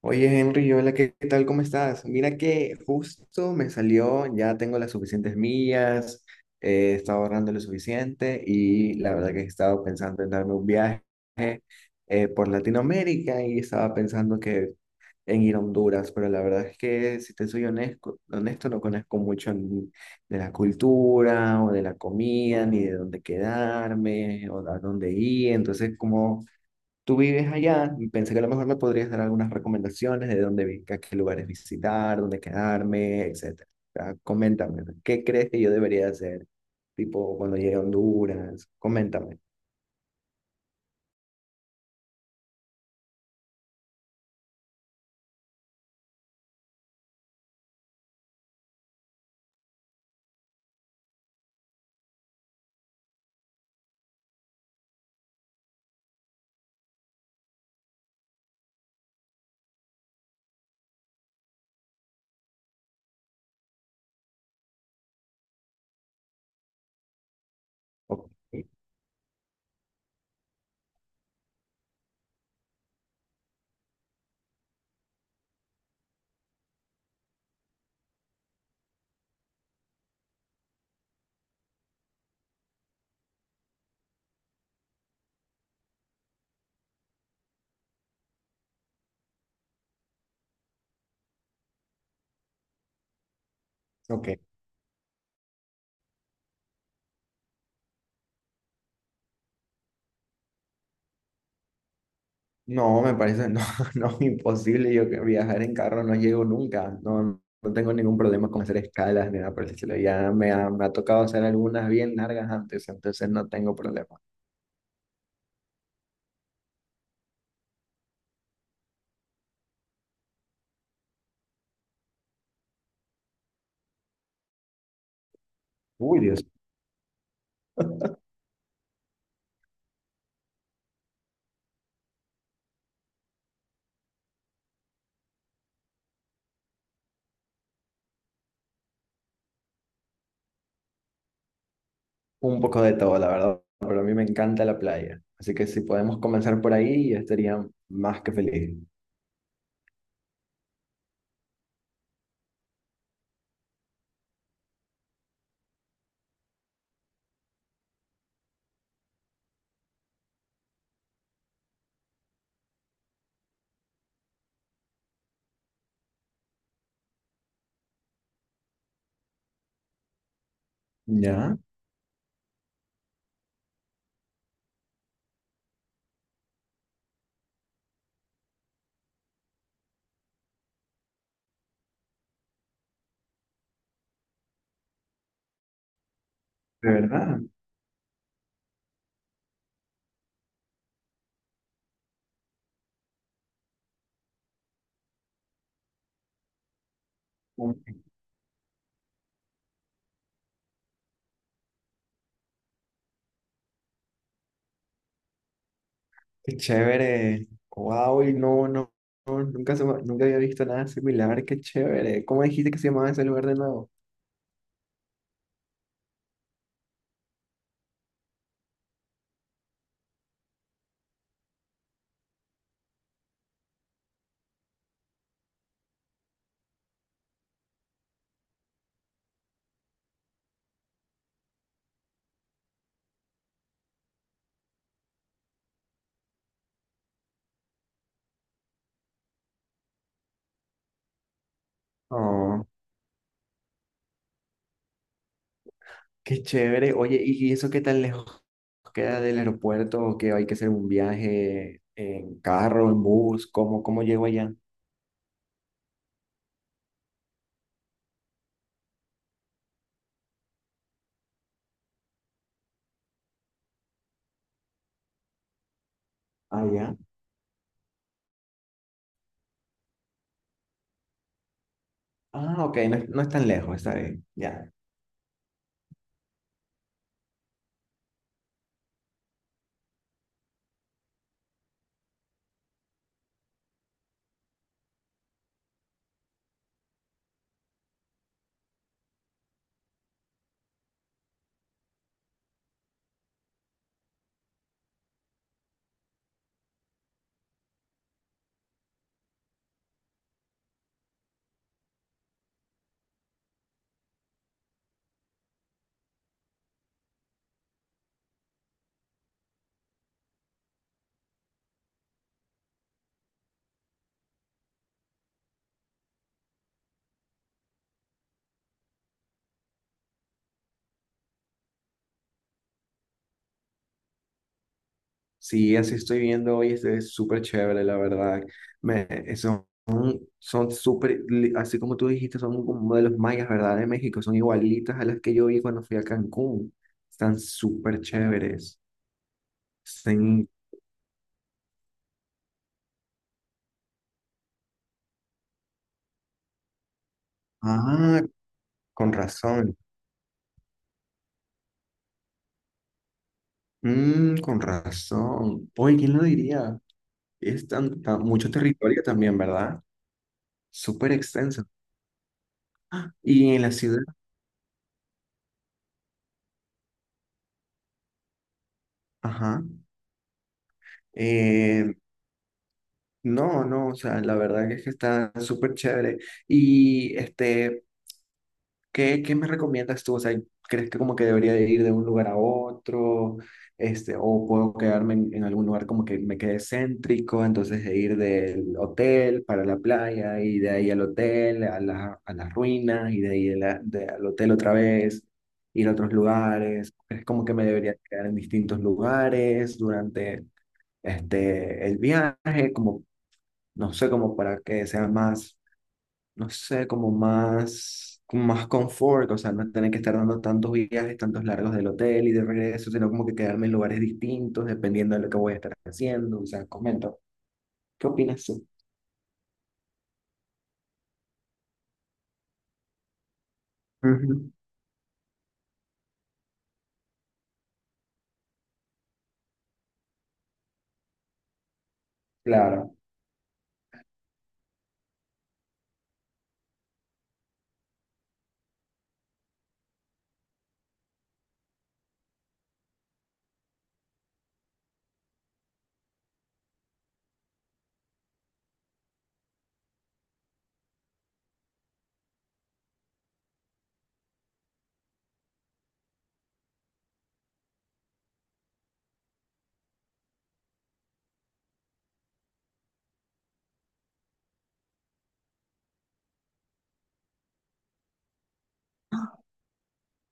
Oye, Henry, hola, ¿qué tal? ¿Cómo estás? Mira que justo me salió, ya tengo las suficientes millas, he estado ahorrando lo suficiente y la verdad que he estado pensando en darme un viaje por Latinoamérica y estaba pensando que en ir a Honduras, pero la verdad es que, si te soy honesto, honesto, no conozco mucho ni de la cultura o de la comida, ni de dónde quedarme o a dónde ir, entonces como... Tú vives allá y pensé que a lo mejor me podrías dar algunas recomendaciones de a qué lugares visitar, dónde quedarme, etcétera. O sea, coméntame, ¿no? ¿Qué crees que yo debería hacer? Tipo, cuando llegue a Honduras, coméntame. Ok, ok. No, me parece, no, no, imposible. Yo que viajar en carro no llego nunca. No, no tengo ningún problema con hacer escalas ni nada por el estilo. Ya me ha tocado hacer algunas bien largas antes, entonces no tengo problema. Uy, Dios. Un poco de todo, la verdad, pero a mí me encanta la playa. Así que si podemos comenzar por ahí, yo estaría más que feliz. Ya, de verdad. Qué chévere. Wow, y no, no, no, nunca, nunca había visto nada similar. Qué chévere. ¿Cómo dijiste que se llamaba ese lugar de nuevo? Oh, qué chévere. Oye, ¿y eso qué tan lejos queda del aeropuerto? ¿O qué hay que hacer un viaje en carro, en bus? ¿Cómo, cómo llego allá? Ah, ya. Ah, ok, no, no es tan lejos, está bien. Ya. Sí, así estoy viendo hoy, este es súper chévere, la verdad. Son, son súper, así como tú dijiste, son como de los mayas, ¿verdad? De México, son igualitas a las que yo vi cuando fui a Cancún. Están súper chéveres. Están... Ah, con razón. Mm, con razón. Oye, ¿quién lo diría? Es mucho territorio también, ¿verdad? Súper extenso. Y en la ciudad, ajá. eh, No, no, o sea, la verdad que es que está súper chévere. Y este, ¿qué me recomiendas tú? O sea, ¿crees que como que debería de ir de un lugar a otro? Este, o puedo quedarme en algún lugar como que me quede céntrico, entonces de ir del hotel para la playa y de ahí al hotel, a las ruinas y de ahí al hotel otra vez, ir a otros lugares. ¿Crees como que me debería quedar en distintos lugares durante este, el viaje? Como no sé, como para que sea más, no sé, como más confort, o sea, no tener que estar dando tantos viajes, tantos largos del hotel y de regreso, sino como que quedarme en lugares distintos dependiendo de lo que voy a estar haciendo, o sea, comento, ¿qué opinas tú? Ujú. Claro,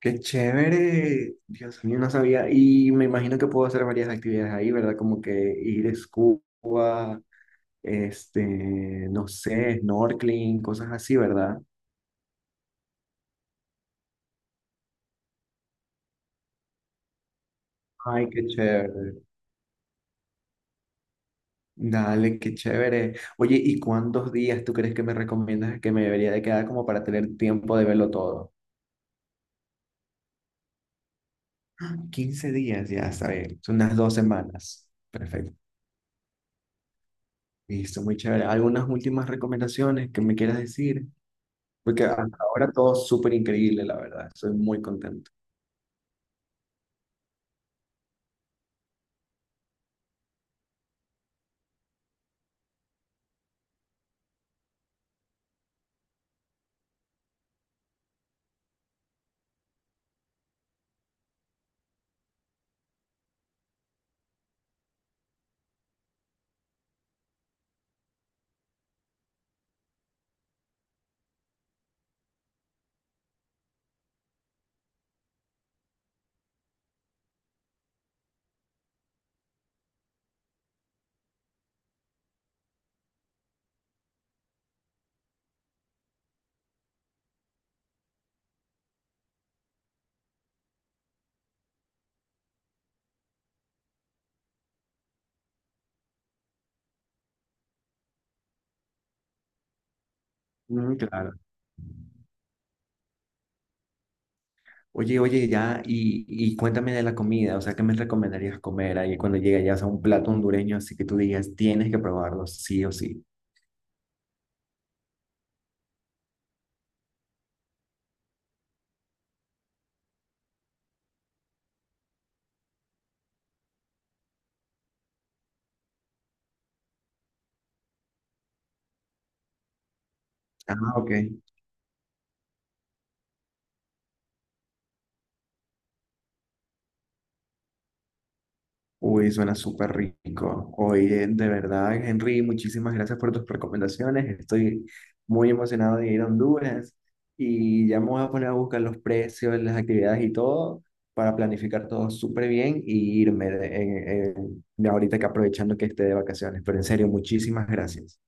qué chévere, Dios mío, no sabía, y me imagino que puedo hacer varias actividades ahí, ¿verdad? Como que ir a scuba, este, no sé, snorkeling, cosas así, ¿verdad? Ay, qué chévere. Dale, qué chévere. Oye, ¿y cuántos días tú crees que me recomiendas que me debería de quedar como para tener tiempo de verlo todo? 15 días, ya está bien, son unas 2 semanas. Perfecto. Listo, muy chévere. ¿Algunas últimas recomendaciones que me quieras decir? Porque hasta ahora todo súper increíble, la verdad. Estoy muy contento. Mm, claro. Oye, oye, ya, y cuéntame de la comida. O sea, ¿qué me recomendarías comer ahí cuando llegue ya, a un plato hondureño? Así que tú digas, tienes que probarlo, sí o sí. Ah, ok. Uy, suena súper rico. Oye, de verdad, Henry, muchísimas gracias por tus recomendaciones. Estoy muy emocionado de ir a Honduras y ya me voy a poner a buscar los precios, las actividades y todo para planificar todo súper bien y irme ahorita que aprovechando que esté de vacaciones. Pero en serio, muchísimas gracias.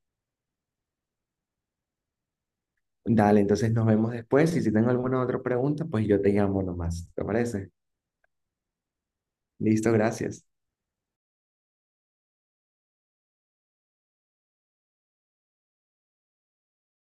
Dale, entonces nos vemos después y si tengo alguna otra pregunta, pues yo te llamo nomás. ¿Te parece? Listo, gracias.